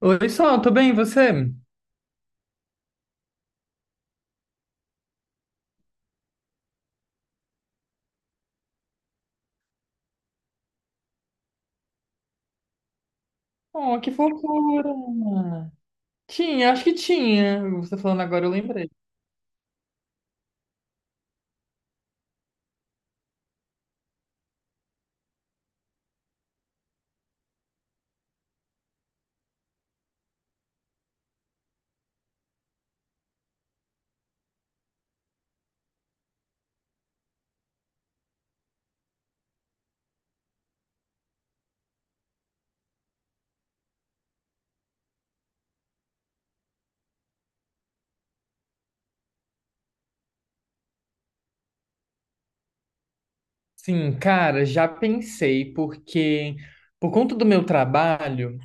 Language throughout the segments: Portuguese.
Oi, Sol, tô bem, e você? Oh, que fofura! Tinha, acho que tinha. Você falando agora, eu lembrei. Sim, cara, já pensei, porque por conta do meu trabalho,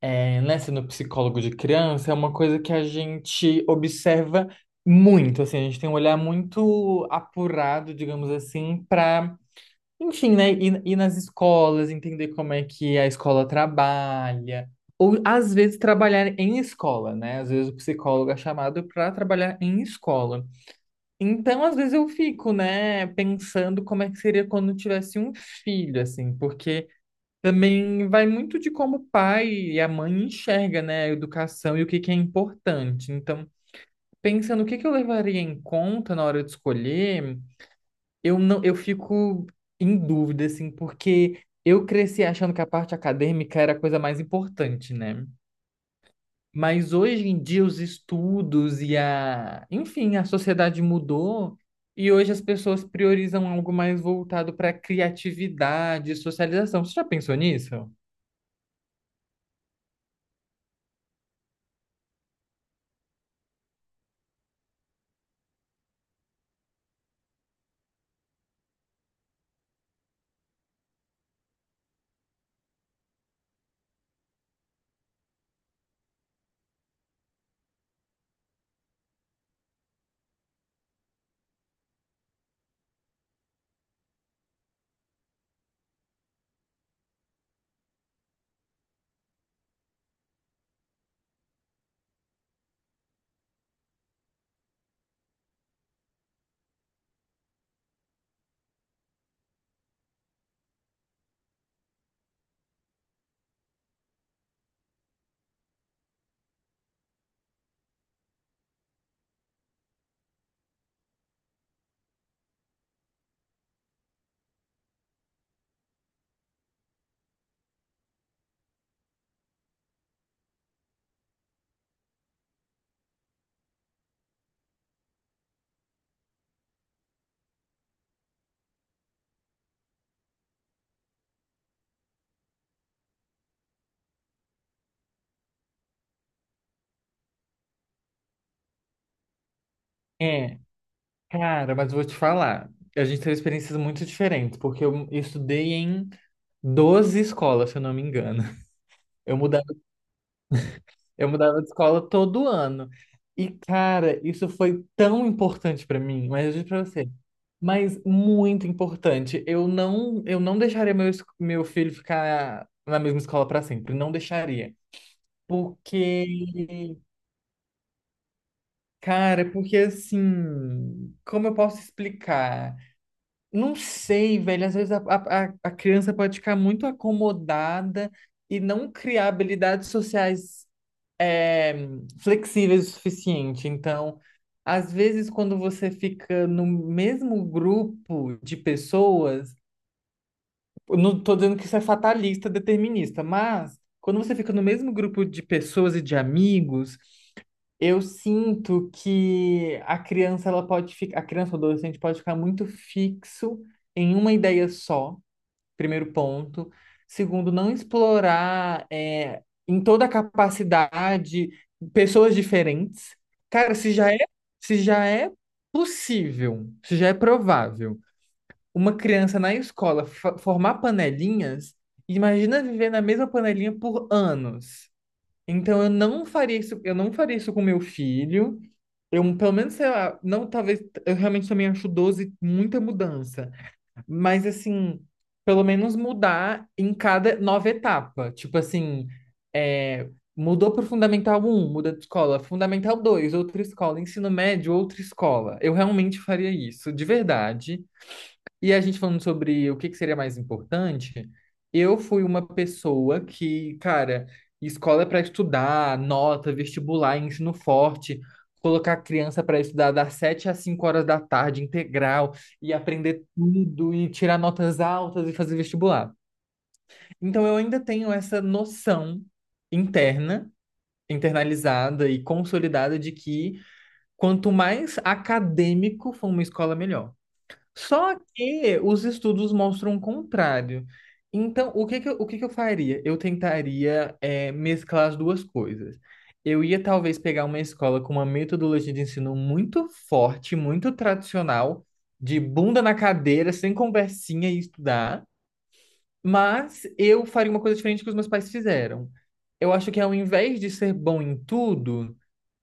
é, né, sendo psicólogo de criança, é uma coisa que a gente observa muito, assim, a gente tem um olhar muito apurado, digamos assim, para enfim, né? Ir nas escolas, entender como é que a escola trabalha. Ou, às vezes, trabalhar em escola, né? Às vezes o psicólogo é chamado para trabalhar em escola. Então, às vezes, eu fico, né, pensando como é que seria quando eu tivesse um filho, assim, porque também vai muito de como o pai e a mãe enxerga, né, a educação e o que que é importante. Então, pensando o que que eu levaria em conta na hora de escolher. Eu não, eu fico em dúvida, assim, porque eu cresci achando que a parte acadêmica era a coisa mais importante, né? Mas hoje em dia os estudos e enfim, a sociedade mudou, e hoje as pessoas priorizam algo mais voltado para criatividade e socialização. Você já pensou nisso? É, cara, mas vou te falar. A gente teve experiências muito diferentes, porque eu estudei em 12 escolas, se eu não me engano. Eu mudava Eu mudava de escola todo ano. E, cara, isso foi tão importante pra mim, mas eu digo pra você, mas muito importante. Eu não deixaria meu filho ficar na mesma escola pra sempre, não deixaria. Porque, cara, porque assim, como eu posso explicar? Não sei, velho, às vezes a criança pode ficar muito acomodada e não criar habilidades sociais é, flexíveis o suficiente. Então, às vezes, quando você fica no mesmo grupo de pessoas, eu não estou dizendo que isso é fatalista, determinista, mas quando você fica no mesmo grupo de pessoas e de amigos, eu sinto que a criança ela pode ficar, a criança ou adolescente pode ficar muito fixo em uma ideia só, primeiro ponto. Segundo, não explorar, em toda a capacidade, pessoas diferentes. Cara, se já é se já é provável uma criança na escola formar panelinhas, imagina viver na mesma panelinha por anos. Então eu não faria isso, eu não faria isso com meu filho. Eu, pelo menos, sei lá, não, talvez, eu realmente também acho 12 muita mudança. Mas assim, pelo menos mudar em cada nova etapa. Tipo assim, é, mudou pro Fundamental um, muda de escola, Fundamental 2 outra escola, ensino médio, outra escola. Eu realmente faria isso, de verdade. E a gente falando sobre o que que seria mais importante, eu fui uma pessoa que, cara, escola é para estudar, nota, vestibular, ensino forte, colocar a criança para estudar das 7 às 5 horas da tarde, integral, e aprender tudo, e tirar notas altas e fazer vestibular. Então eu ainda tenho essa noção interna, internalizada e consolidada de que quanto mais acadêmico for uma escola, melhor. Só que os estudos mostram o contrário. Então, o que que eu, o que que eu faria? Eu tentaria mesclar as duas coisas. Eu ia talvez pegar uma escola com uma metodologia de ensino muito forte, muito tradicional, de bunda na cadeira, sem conversinha e estudar, mas eu faria uma coisa diferente que os meus pais fizeram. Eu acho que ao invés de ser bom em tudo,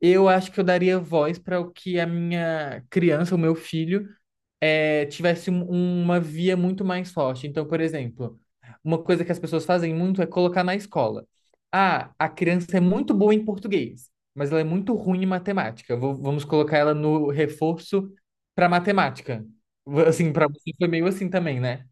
eu acho que eu daria voz para o que a minha criança, o meu filho tivesse uma via muito mais forte. Então, por exemplo, uma coisa que as pessoas fazem muito é colocar na escola. Ah, a criança é muito boa em português, mas ela é muito ruim em matemática. Vamos colocar ela no reforço para matemática. Assim, para você foi meio assim também, né?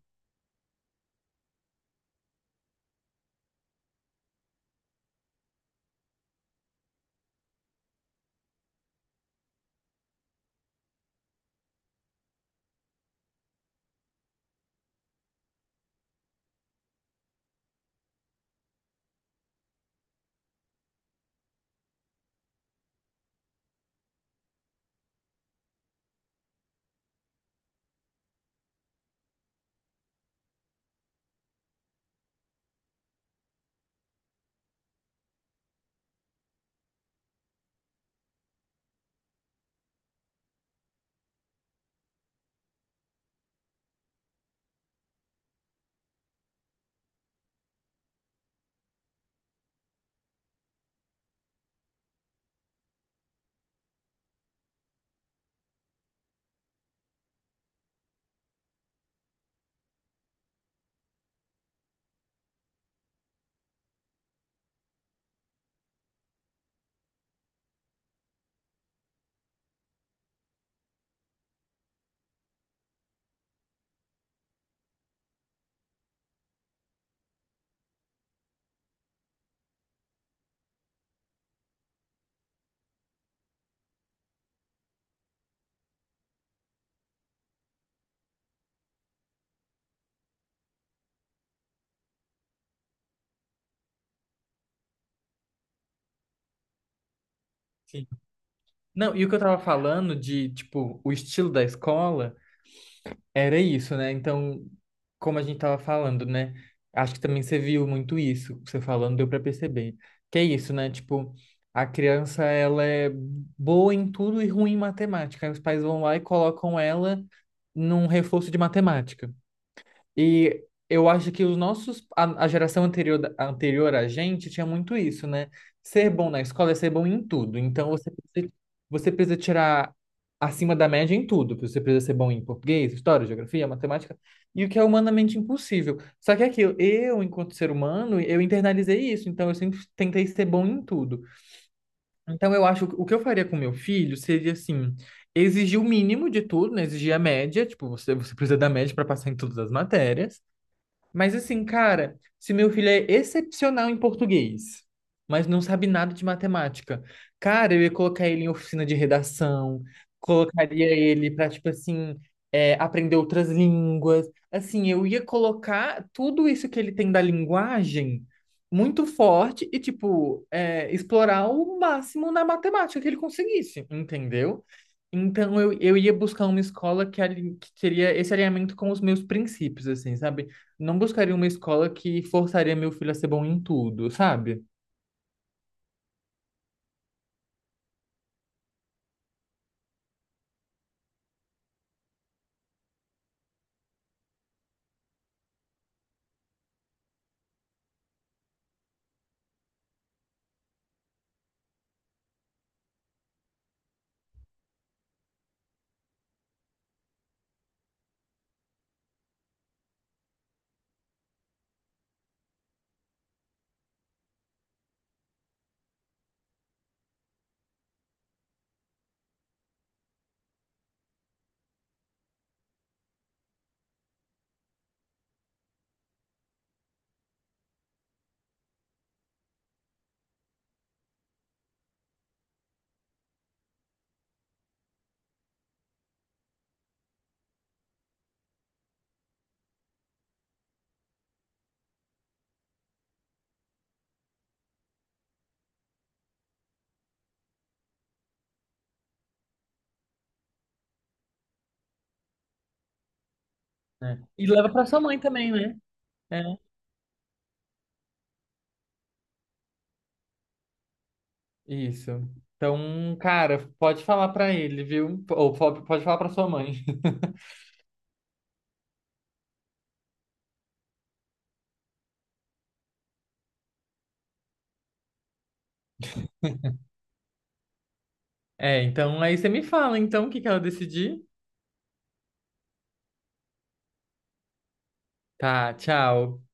Sim. Não, e o que eu tava falando de, tipo, o estilo da escola. Era isso, né? Então, como a gente tava falando, né? Acho que também você viu muito isso, você falando, deu para perceber. Que é isso, né? Tipo, a criança, ela é boa em tudo e ruim em matemática. Aí os pais vão lá e colocam ela num reforço de matemática. E eu acho que os nossos, a geração anterior, anterior a gente tinha muito isso, né? Ser bom na escola é ser bom em tudo. Então você, você precisa tirar acima da média em tudo. Você precisa ser bom em português, história, geografia, matemática, e o que é humanamente impossível. Só que é aquilo, eu, enquanto ser humano, eu internalizei isso, então eu sempre tentei ser bom em tudo. Então eu acho que o que eu faria com meu filho seria assim, exigir o mínimo de tudo, né? Exigir a média, tipo, você, você precisa da média para passar em todas as matérias. Mas assim, cara, se meu filho é excepcional em português, mas não sabe nada de matemática, cara, eu ia colocar ele em oficina de redação, colocaria ele para, tipo assim, aprender outras línguas. Assim, eu ia colocar tudo isso que ele tem da linguagem muito forte e, tipo, explorar o máximo na matemática que ele conseguisse, entendeu? Então, eu ia buscar uma escola que, que teria esse alinhamento com os meus princípios, assim, sabe? Não buscaria uma escola que forçaria meu filho a ser bom em tudo, sabe? É. E leva pra sua mãe também, né? É. Isso. Então, cara, pode falar pra ele, viu? Ou pode falar pra sua mãe. É, então aí você me fala, então, o que que ela decidir? Tá, tchau.